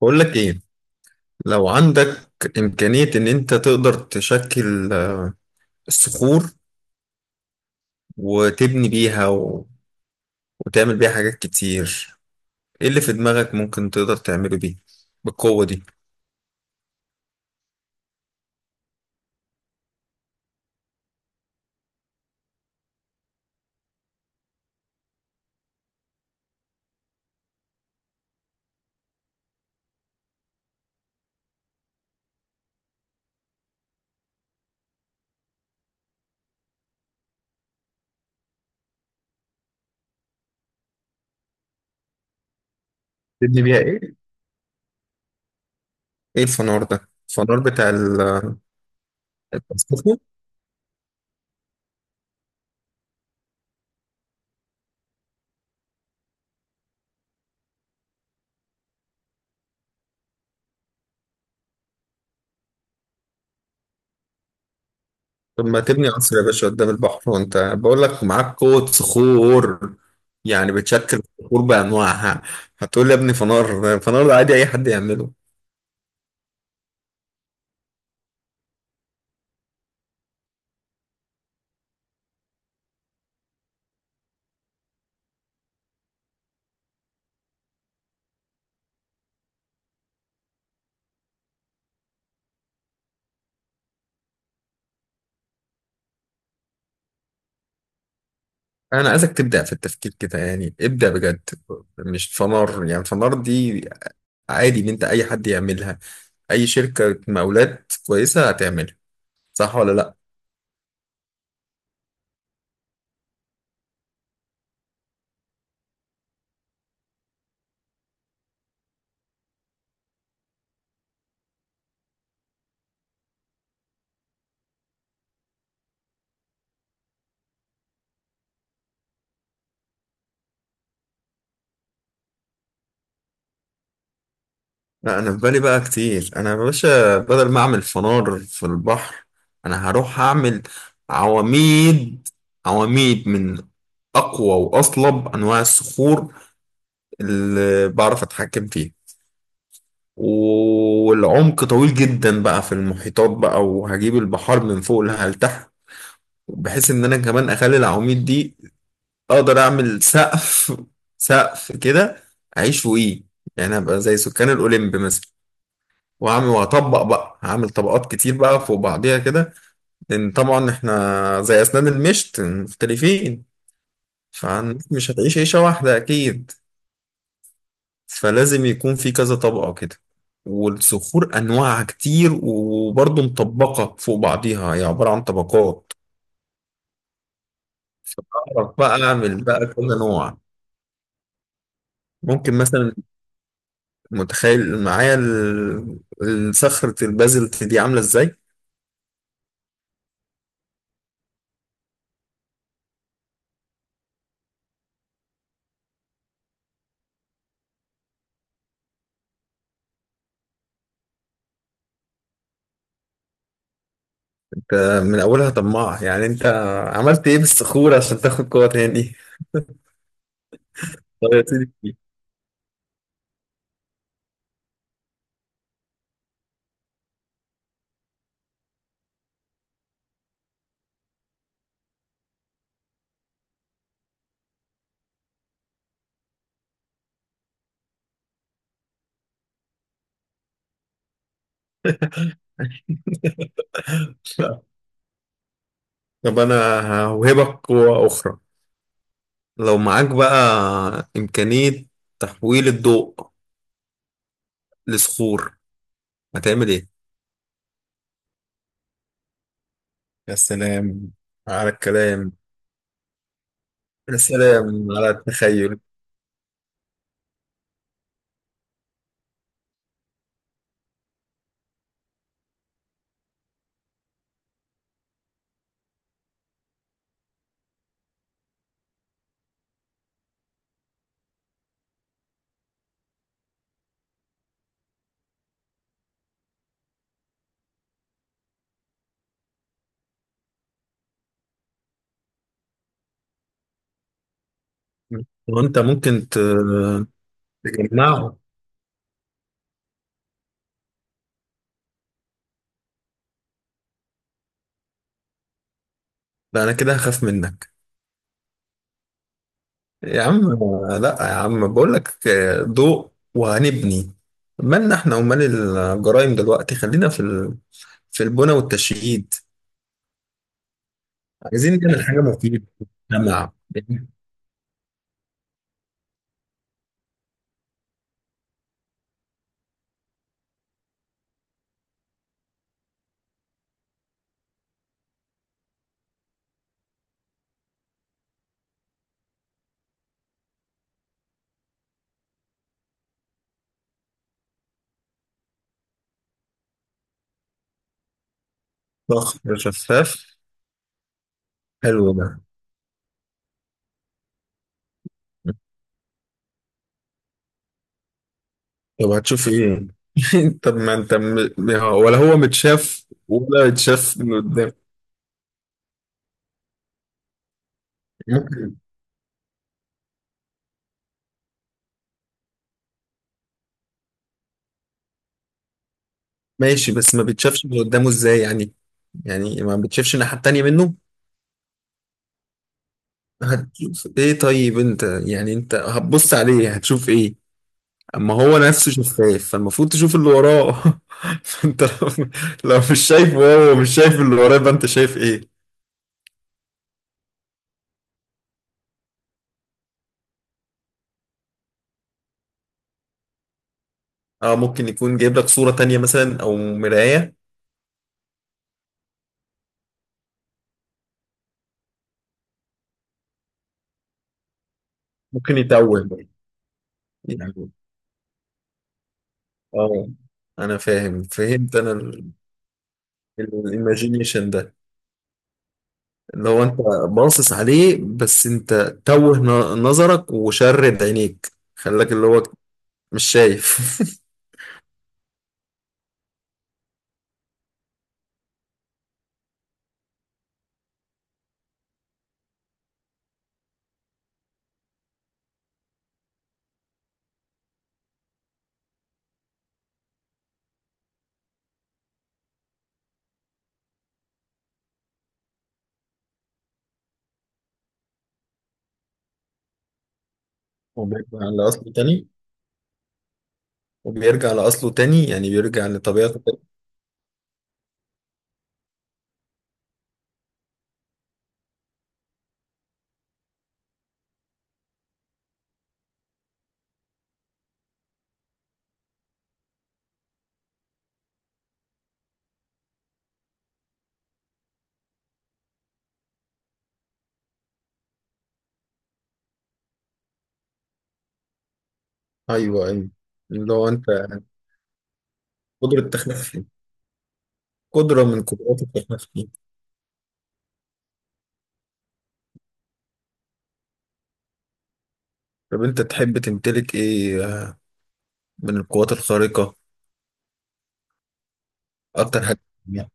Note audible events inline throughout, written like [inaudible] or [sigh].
بقول لك ايه. لو عندك امكانية ان انت تقدر تشكل الصخور وتبني بيها وتعمل بيها حاجات كتير. ايه اللي في دماغك ممكن تقدر تعمله بيه بالقوة دي؟ تبني بيها ايه؟ ايه الفنار ده؟ الفنار بتاع التصفيق. طب ما تبني قصر يا باشا قدام البحر، وانت بقول لك معاك قوة صخور، يعني بتشكل الصخور بأنواعها. هتقول لي يا ابني فنار؟ الفنار ده عادي اي حد يعمله. انا عايزك تبدا في التفكير كده، يعني ابدا بجد. مش فنار، يعني فنار دي عادي ان انت اي حد يعملها، اي شركه مقاولات كويسه هتعملها. صح ولا لا؟ لا، انا في بالي بقى كتير. انا يا باشا بدل ما اعمل فنار في البحر، انا هروح اعمل عواميد. عواميد من اقوى واصلب انواع الصخور اللي بعرف اتحكم فيها. والعمق طويل جدا بقى في المحيطات بقى، وهجيب البحار من فوق لها لتحت، بحيث ان انا كمان اخلي العواميد دي اقدر اعمل سقف. سقف كده اعيش فوقيه، يعني ابقى زي سكان الاوليمب مثلا. واعمل واطبق بقى، هعمل طبقات كتير بقى فوق بعضيها كده، لان طبعا احنا زي اسنان المشط مختلفين، فمش هتعيش عيشة واحدة اكيد، فلازم يكون في كذا طبقة كده. والصخور انواعها كتير، وبرضه مطبقة فوق بعضيها، هي عبارة عن طبقات. بعرف بقى اعمل بقى كل نوع. ممكن مثلا، متخيل معايا الصخرة البازلت دي عاملة ازاي؟ ده من أولها طماع يعني أنت. عملت إيه بالصخور عشان تاخد قوة تاني؟ طب يا سيدي. [laughs] طب أنا هوهبك قوة أخرى. لو معاك بقى إمكانية تحويل الضوء لصخور، هتعمل إيه؟ يا سلام على الكلام. يا سلام على التخيل. وأنت ممكن تجمعه. لا، أنا كده هخاف منك يا عم. لا يا عم، بقول لك ضوء وهنبني. مالنا احنا ومال الجرائم دلوقتي، خلينا في في البنى والتشييد. عايزين نعمل حاجة مفيدة للمجتمع. ضخم شفاف. حلو ده. طب هتشوف ايه؟ [laughs] طب ما انت ولا هو متشاف ولا يتشاف من قدام؟ ممكن. ماشي، بس ما بيتشافش من قدامه ازاي يعني؟ يعني ما بيتشافش الناحية التانية منه؟ هتشوف ايه طيب انت؟ يعني انت هتبص عليه هتشوف ايه؟ اما هو نفسه شفاف فالمفروض تشوف اللي وراه. [laughs] انت لو، لو مش شايف وهو مش شايف اللي وراه، يبقى انت شايف ايه؟ اه، ممكن يكون جايب لك صورة تانية مثلا، او مراية. ممكن يتوه يعني. اه، انا فاهم، فهمت انا. الايماجينيشن ده، اللي هو انت باصص عليه، بس انت توه نظرك وشرد عينيك، خلاك اللي هو مش شايف. [laughs] وبيرجع لأصله تاني؟ وبيرجع لأصله تاني، يعني بيرجع لطبيعته تاني. أيوه أيوه. اللي هو أنت قدرة تخفي. قدرة من قدرات التخفي. طب أنت تحب تمتلك إيه من القوات الخارقة؟ أكتر حاجة بتحبها؟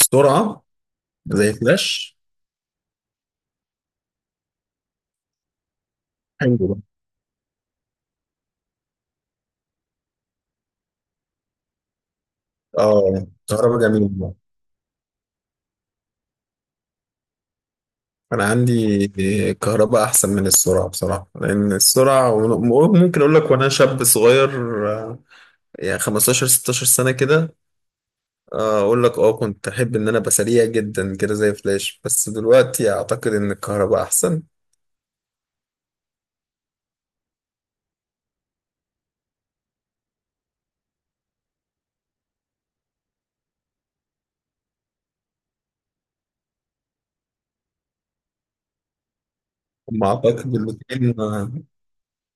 السرعة. زي فلاش. حلو ده. آه، كهرباء جميلة. أنا عندي كهرباء أحسن من السرعة بصراحة، لأن السرعة ممكن أقول لك وأنا شاب صغير، آه، يعني 15 16 سنة كده. اقول لك اه، كنت احب ان انا ابقى سريع جدا كده زي فلاش، بس دلوقتي اعتقد ان الكهرباء احسن. ما اعتقد الاتنين،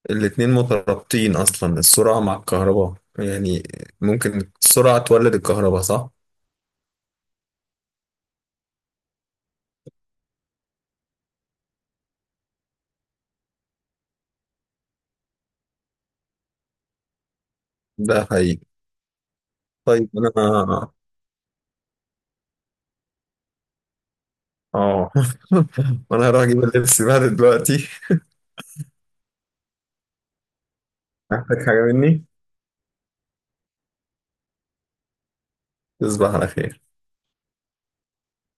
الاتنين مترابطين اصلا، السرعة مع الكهرباء، يعني ممكن السرعة تولد الكهرباء، صح؟ ده حقيقي. طيب انا، اه [laughs] وانا هروح اجيب اللبس بقى دلوقتي. محتاج حاجة مني؟ تصبح على خير.